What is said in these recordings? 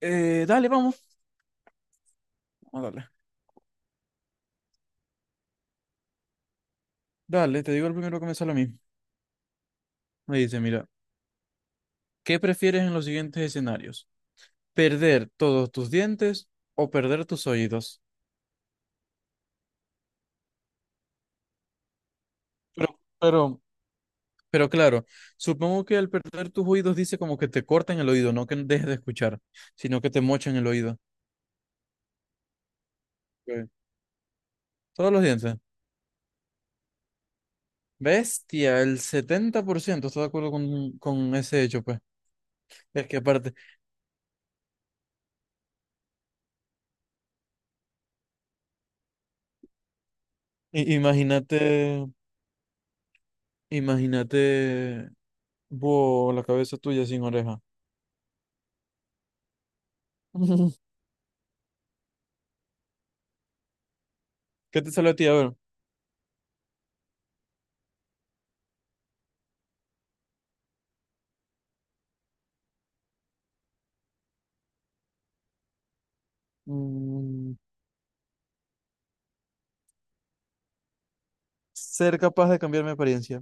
Vamos. Vamos a darle. Dale, te digo el primero que me sale a mí. Me dice, mira, ¿qué prefieres en los siguientes escenarios? ¿Perder todos tus dientes o perder tus oídos? Pero, pero, pero claro, supongo que al perder tus oídos dice como que te cortan el oído, no que dejes de escuchar, sino que te mochan el oído. Ok. Todos los dientes. Bestia, el 70% está de acuerdo con ese hecho, pues. Es que aparte, imagínate, imagínate, vos, la cabeza tuya sin oreja. ¿Qué te sale a ti? A ver. Mm, ser capaz de cambiar mi apariencia.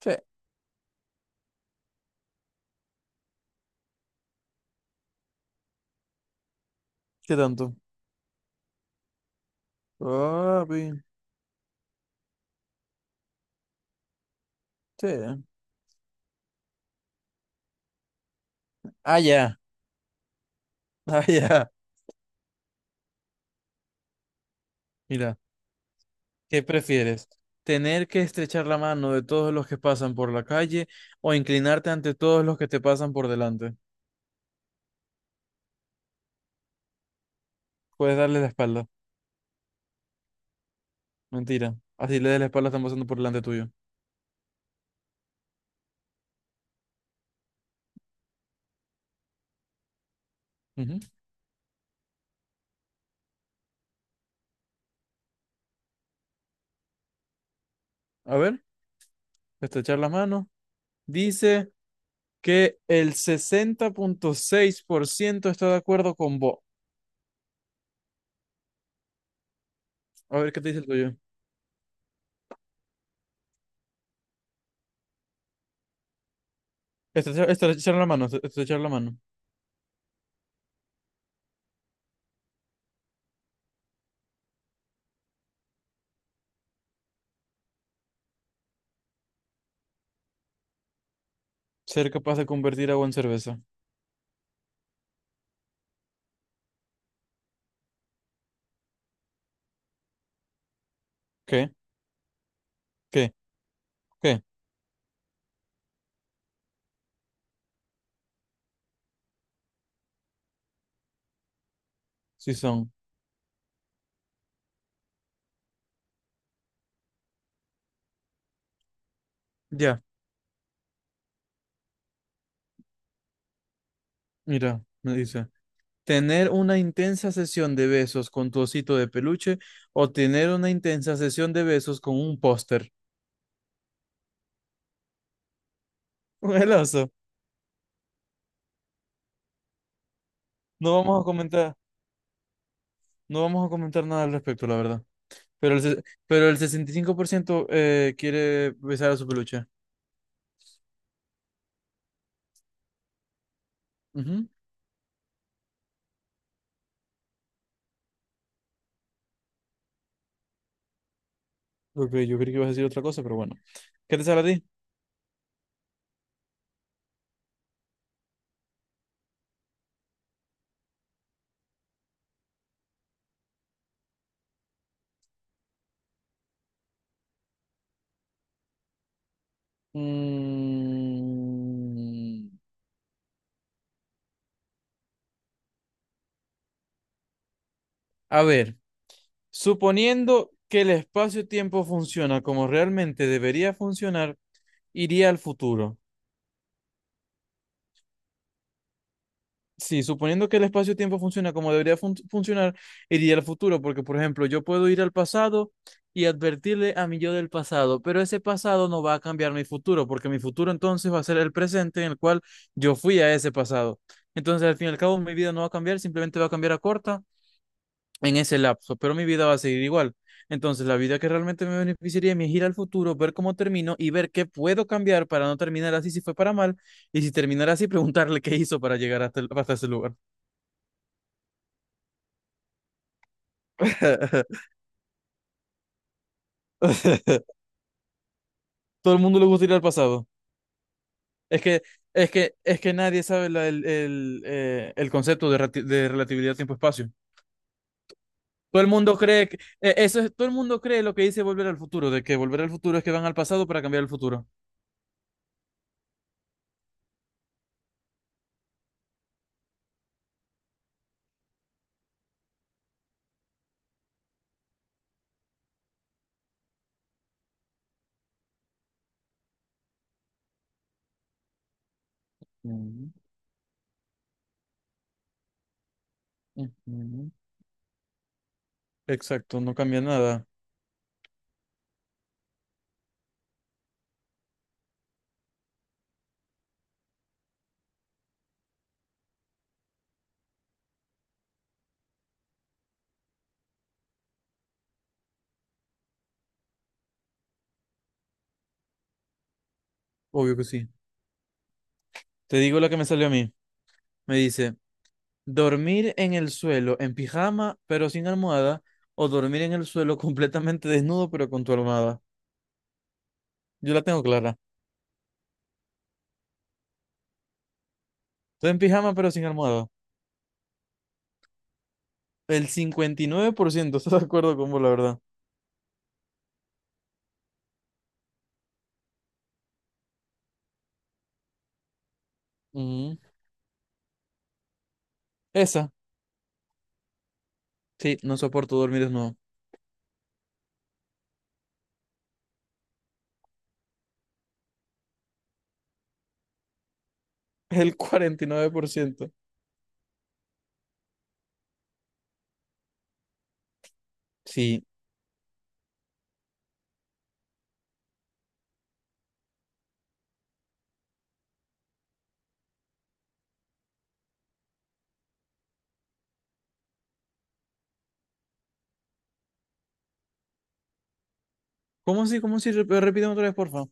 Sí. ¿Qué tanto? Papi. Sí. Ah, ya. Ah, ya. Mira, ¿qué prefieres? ¿Tener que estrechar la mano de todos los que pasan por la calle o inclinarte ante todos los que te pasan por delante? Puedes darle la espalda. Mentira. Así le des la espalda, están pasando por delante tuyo. Ujú. A ver, estrechar la mano. Dice que el 60.6% está de acuerdo con vos. A ver qué te dice el tuyo. Echar la mano. Ser capaz de convertir agua en cerveza. ¿Qué? ¿Qué? ¿Qué? Sí son. Ya, mira, me dice. Tener una intensa sesión de besos con tu osito de peluche o tener una intensa sesión de besos con un póster. El oso. No vamos a comentar, no vamos a comentar nada al respecto, la verdad. Pero el 65% quiere besar a su peluche. Ujú. Ok, yo creí que ibas a decir otra cosa, pero bueno. ¿Qué te sale a ti? Mm, a ver, suponiendo que el espacio-tiempo funciona como realmente debería funcionar, iría al futuro. Sí, suponiendo que el espacio-tiempo funciona como debería funcionar, iría al futuro, porque por ejemplo, yo puedo ir al pasado y advertirle a mi yo del pasado, pero ese pasado no va a cambiar mi futuro, porque mi futuro entonces va a ser el presente en el cual yo fui a ese pasado. Entonces, al fin y al cabo, mi vida no va a cambiar, simplemente va a cambiar a corta en ese lapso, pero mi vida va a seguir igual. Entonces, la vida que realmente me beneficiaría es ir al futuro, ver cómo termino y ver qué puedo cambiar para no terminar así si fue para mal, y si terminar así, preguntarle qué hizo para llegar hasta ese lugar. Todo el mundo le gusta ir al pasado. Es que, es que nadie sabe el concepto de, de relatividad tiempo-espacio. Todo el mundo cree que, todo el mundo cree lo que dice volver al futuro, de que volver al futuro es que van al pasado para cambiar el futuro. Mm, mm. Exacto, no cambia nada. Obvio que sí. Te digo la que me salió a mí. Me dice, dormir en el suelo en pijama pero sin almohada o dormir en el suelo completamente desnudo pero con tu almohada. Yo la tengo clara. Estoy en pijama pero sin almohada. El 59%, está de acuerdo con vos, la verdad. Ujú. Esa. Sí, no soporto dormir desnudo. El 49%. Sí. ¿Cómo así? ¿Cómo así? Repíteme otra vez, porfa.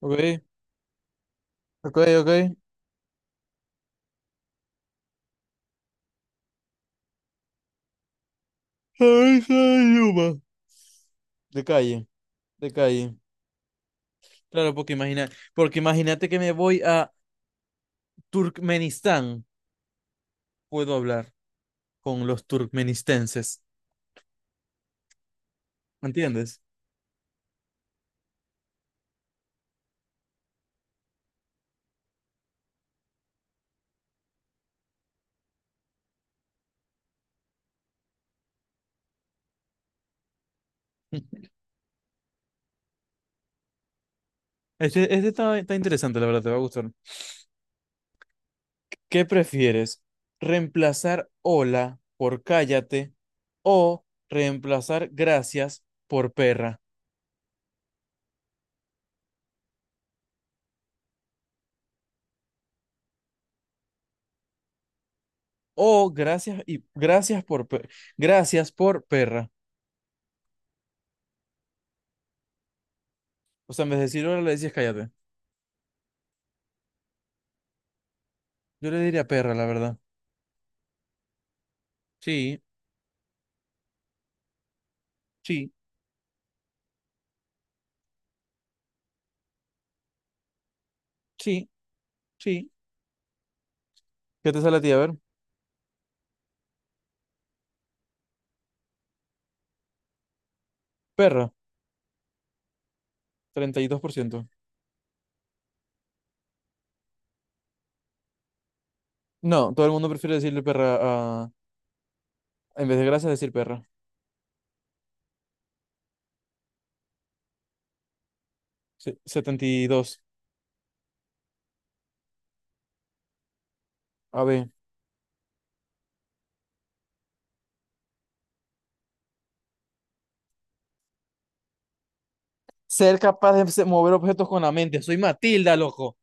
Ok, ok. Ay, soy Yuma. De calle, de calle. Claro, porque imagina, porque imagínate que me voy a Turkmenistán, puedo hablar con los turkmenistenses, ¿entiendes? Está interesante, la verdad, te va a gustar. ¿Qué prefieres? ¿Reemplazar hola por cállate o reemplazar gracias por perra? O gracias y gracias por per- gracias por perra. O sea, en vez de decir hola le dices cállate. Yo le diría perra, la verdad. Sí, sí, sí, sí. ¿Qué te sale a ti? A ver, perra. 32%. No, todo el mundo prefiere decirle perra a... En vez de gracias, decir perra. 72. A ver. Ser capaz de mover objetos con la mente. Soy Matilda, loco.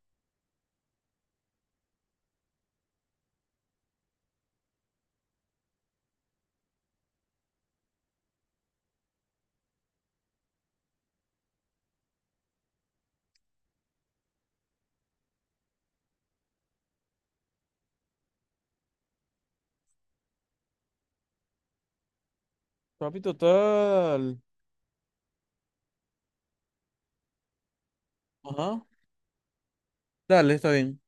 Papi, total. Ajá. Dale, está bien.